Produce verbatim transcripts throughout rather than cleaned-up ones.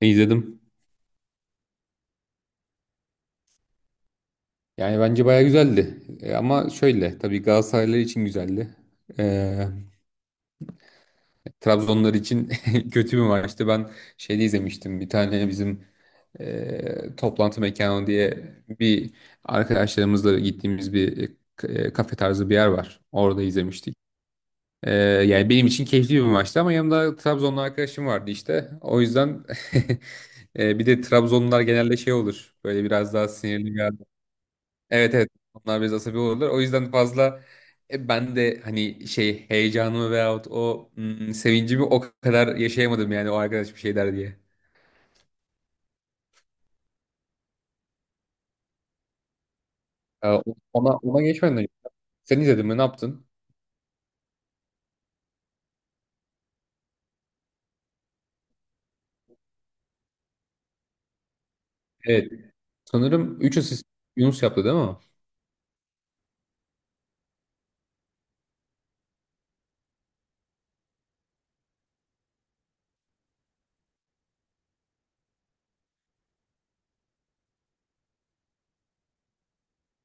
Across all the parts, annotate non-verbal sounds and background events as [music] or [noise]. İzledim. Yani bence baya güzeldi. E, ama şöyle tabii Galatasaraylılar için güzeldi. E, Trabzonlar için [laughs] kötü bir maçtı. Ben şeyde izlemiştim. Bir tane bizim e, toplantı mekanı diye bir arkadaşlarımızla gittiğimiz bir e, kafe tarzı bir yer var. Orada izlemiştik. E, yani benim için keyifli bir maçtı ama yanımda Trabzonlu arkadaşım vardı işte. O yüzden [laughs] e, bir de Trabzonlular genelde şey olur. Böyle biraz daha sinirli. Evet, evet, onlar biraz asabi olurlar. O yüzden fazla e, ben de hani şey heyecanımı veyahut o mm, sevincimi o kadar yaşayamadım yani o arkadaş bir şey der diye. Ee, Ona, ona geçmeden önce. Sen izledin mi? Ne yaptın? Evet. Sanırım üç asist Yunus yaptı değil mi?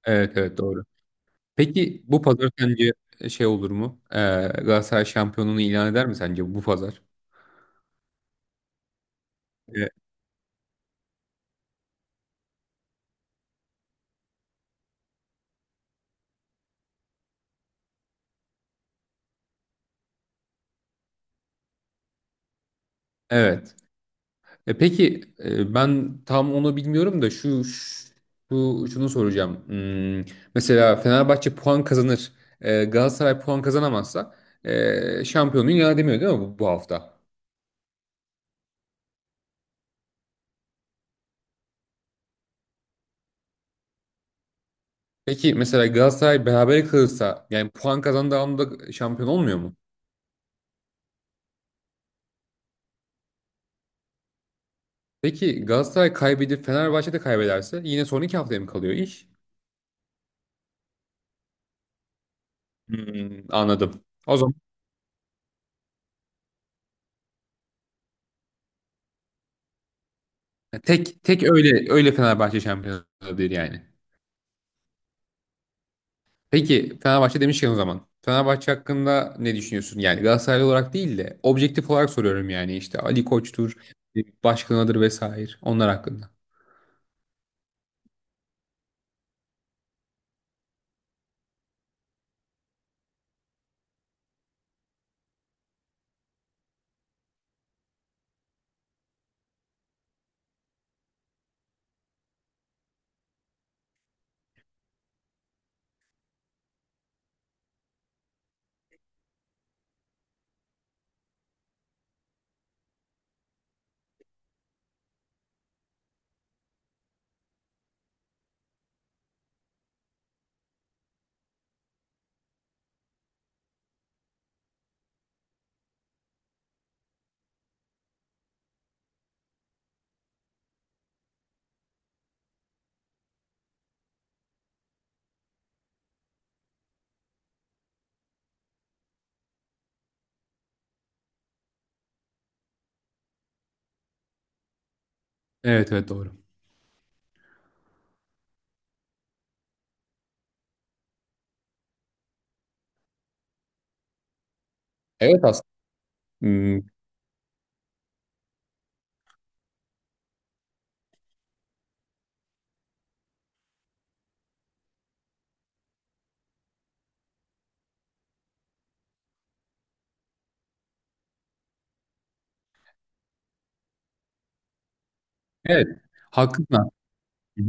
Evet, evet, doğru. Peki bu pazar sence şey olur mu? Ee, Galatasaray şampiyonluğunu ilan eder mi sence bu pazar? Evet. Evet. E peki e, ben tam onu bilmiyorum da, şu, şu şunu soracağım. Hmm, mesela Fenerbahçe puan kazanır, e, Galatasaray puan kazanamazsa e, şampiyonluğu ilan edemiyor değil mi, bu, bu hafta? Peki mesela Galatasaray berabere kalırsa yani puan kazandığı anda şampiyon olmuyor mu? Peki Galatasaray kaybedip Fenerbahçe de kaybederse yine son iki haftaya mı kalıyor iş? Hmm, anladım. O zaman tek tek öyle öyle Fenerbahçe şampiyon olabilir yani. Peki Fenerbahçe demişken o zaman. Fenerbahçe hakkında ne düşünüyorsun? Yani Galatasaraylı olarak değil de objektif olarak soruyorum, yani işte Ali Koç'tur, başkanıdır vesaire onlar hakkında. Evet, evet, doğru. Evet aslında. Hmm, evet. Haklısın. Hı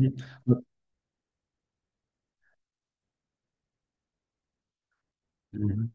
hı.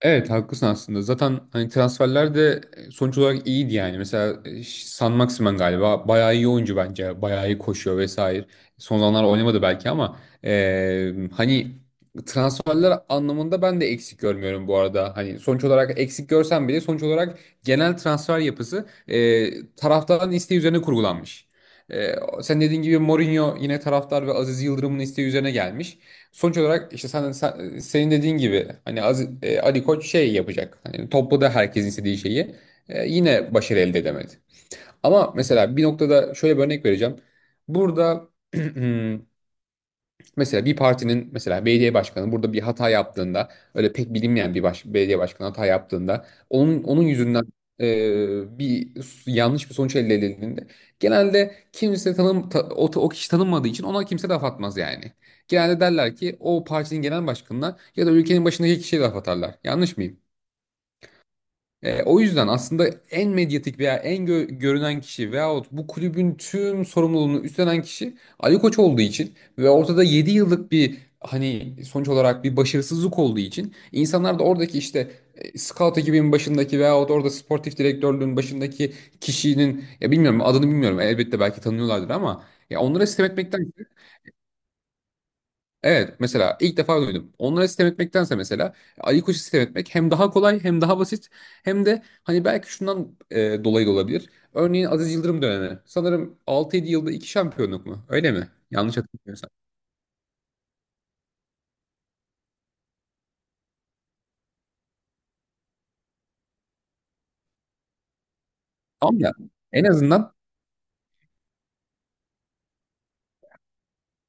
Evet, haklısın aslında. Zaten hani transferler de e, sonuç olarak iyiydi yani. Mesela e, San Maximin galiba bayağı iyi oyuncu bence. Bayağı iyi koşuyor vesaire. Son zamanlar oynamadı belki ama e, hani transferler anlamında ben de eksik görmüyorum bu arada. Hani sonuç olarak eksik görsem bile sonuç olarak genel transfer yapısı e, taraftarın isteği üzerine kurgulanmış. E, sen dediğin gibi Mourinho yine taraftar ve Aziz Yıldırım'ın isteği üzerine gelmiş. Sonuç olarak işte sen, sen- senin dediğin gibi hani Az- e, Ali Koç şey yapacak. Hani topla herkesin istediği şeyi e, yine başarı elde edemedi. Ama mesela bir noktada şöyle bir örnek vereceğim. Burada [clears throat] mesela bir partinin, mesela belediye başkanı burada bir hata yaptığında, öyle pek bilinmeyen bir baş, belediye başkanı hata yaptığında onun onun yüzünden e, bir s- yanlış bir sonuç elde edildiğinde, genelde kimse tanım ta- o, o kişi tanınmadığı için ona kimse laf atmaz yani. Genelde derler ki o partinin genel başkanına ya da ülkenin başındaki kişiye laf atarlar. Yanlış mıyım? E, o yüzden aslında en medyatik veya en gö- görünen kişi veyahut bu kulübün tüm sorumluluğunu üstlenen kişi Ali Koç olduğu için ve ortada yedi yıllık bir hani sonuç olarak bir başarısızlık olduğu için, insanlar da oradaki işte e, scout ekibinin başındaki veyahut orada sportif direktörlüğün başındaki kişinin, ya bilmiyorum adını, bilmiyorum elbette, belki tanıyorlardır ama ya onlara sistem etmekten. Evet, mesela ilk defa duydum. Onlara sistem etmektense mesela Ali Koç'u sistem etmek hem daha kolay, hem daha basit hem de hani belki şundan e, dolayı da olabilir. Örneğin Aziz Yıldırım dönemi. Sanırım altı yedi yılda iki şampiyonluk mu? Öyle mi? Yanlış hatırlamıyorsam. Tamam ya, en azından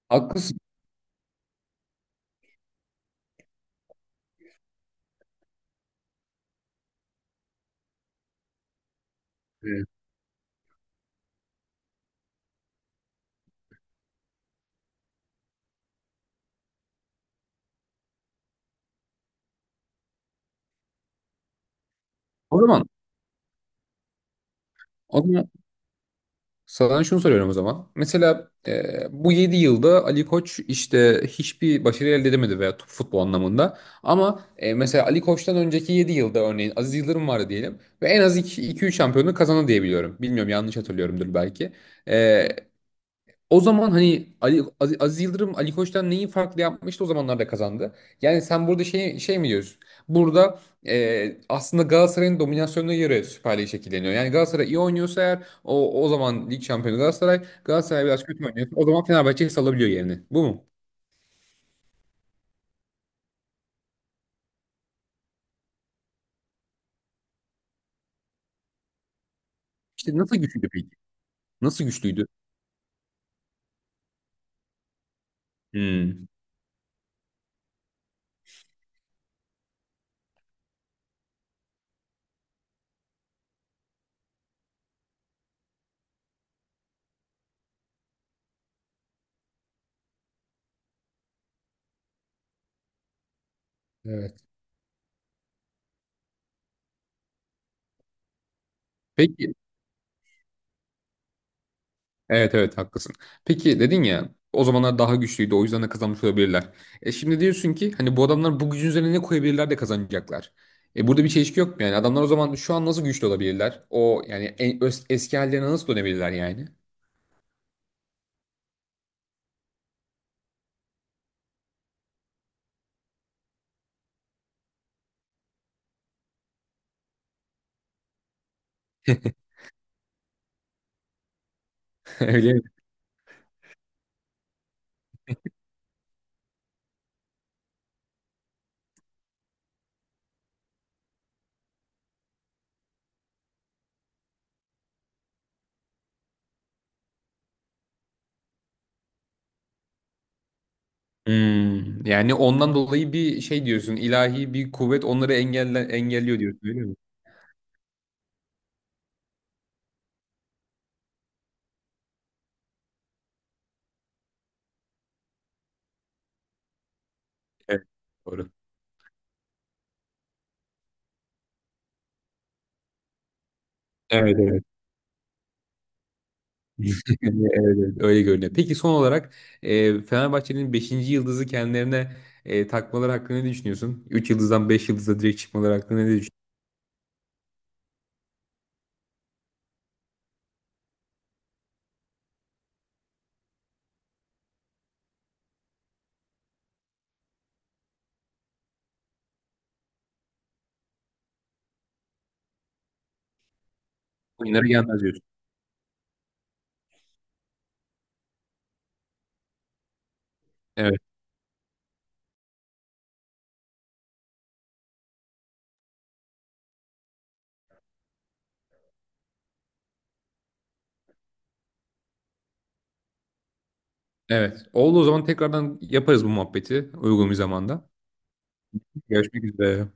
haklısın. Evet. O zaman o zaman Sana şunu soruyorum o zaman. Mesela e, bu yedi yılda Ali Koç işte hiçbir başarı elde edemedi, veya t- futbol anlamında. Ama e, mesela Ali Koç'tan önceki yedi yılda örneğin Aziz Yıldırım vardı diyelim. Ve en az iki, üç şampiyonluk kazandı diye biliyorum. Bilmiyorum, yanlış hatırlıyorumdur belki. E, o zaman hani Ali, Az- Aziz Yıldırım Ali Koç'tan neyi farklı yapmıştı o zamanlarda kazandı. Yani sen burada şey, şey mi diyorsun? Burada e, aslında Galatasaray'ın dominasyonuna göre Süper Lig şekilleniyor. Yani Galatasaray iyi oynuyorsa eğer o, o zaman lig şampiyonu Galatasaray. Galatasaray biraz kötü oynuyor. O zaman Fenerbahçe salabiliyor yerini. Bu mu? İşte nasıl güçlüydü peki? Nasıl güçlüydü? Hmm. Evet. Peki. Evet, evet, haklısın. Peki, dedin ya o zamanlar daha güçlüydü, o yüzden de kazanmış olabilirler. E şimdi diyorsun ki hani bu adamlar bu gücün üzerine ne koyabilirler de kazanacaklar. E burada bir çelişki yok mu yani? Adamlar o zaman şu an nasıl güçlü olabilirler? O yani en, ös- eski hallerine nasıl dönebilirler yani? [laughs] Öyle mi? Hmm, yani ondan dolayı bir şey diyorsun, ilahi bir kuvvet onları engelle, engelliyor diyorsun, öyle mi? Evet, doğru. Evet, görünüyor, evet, evet, öyle görünüyor. Peki son olarak e, Fenerbahçe'nin beşinci yıldızı kendilerine e, takmaları hakkında ne düşünüyorsun? Üç yıldızdan beş yıldıza direkt çıkmaları hakkında ne düşünüyorsun? Oyunlara gelmez diyorsun. Evet, evet. Oldu, o zaman tekrardan yaparız bu muhabbeti uygun bir zamanda. Görüşmek üzere.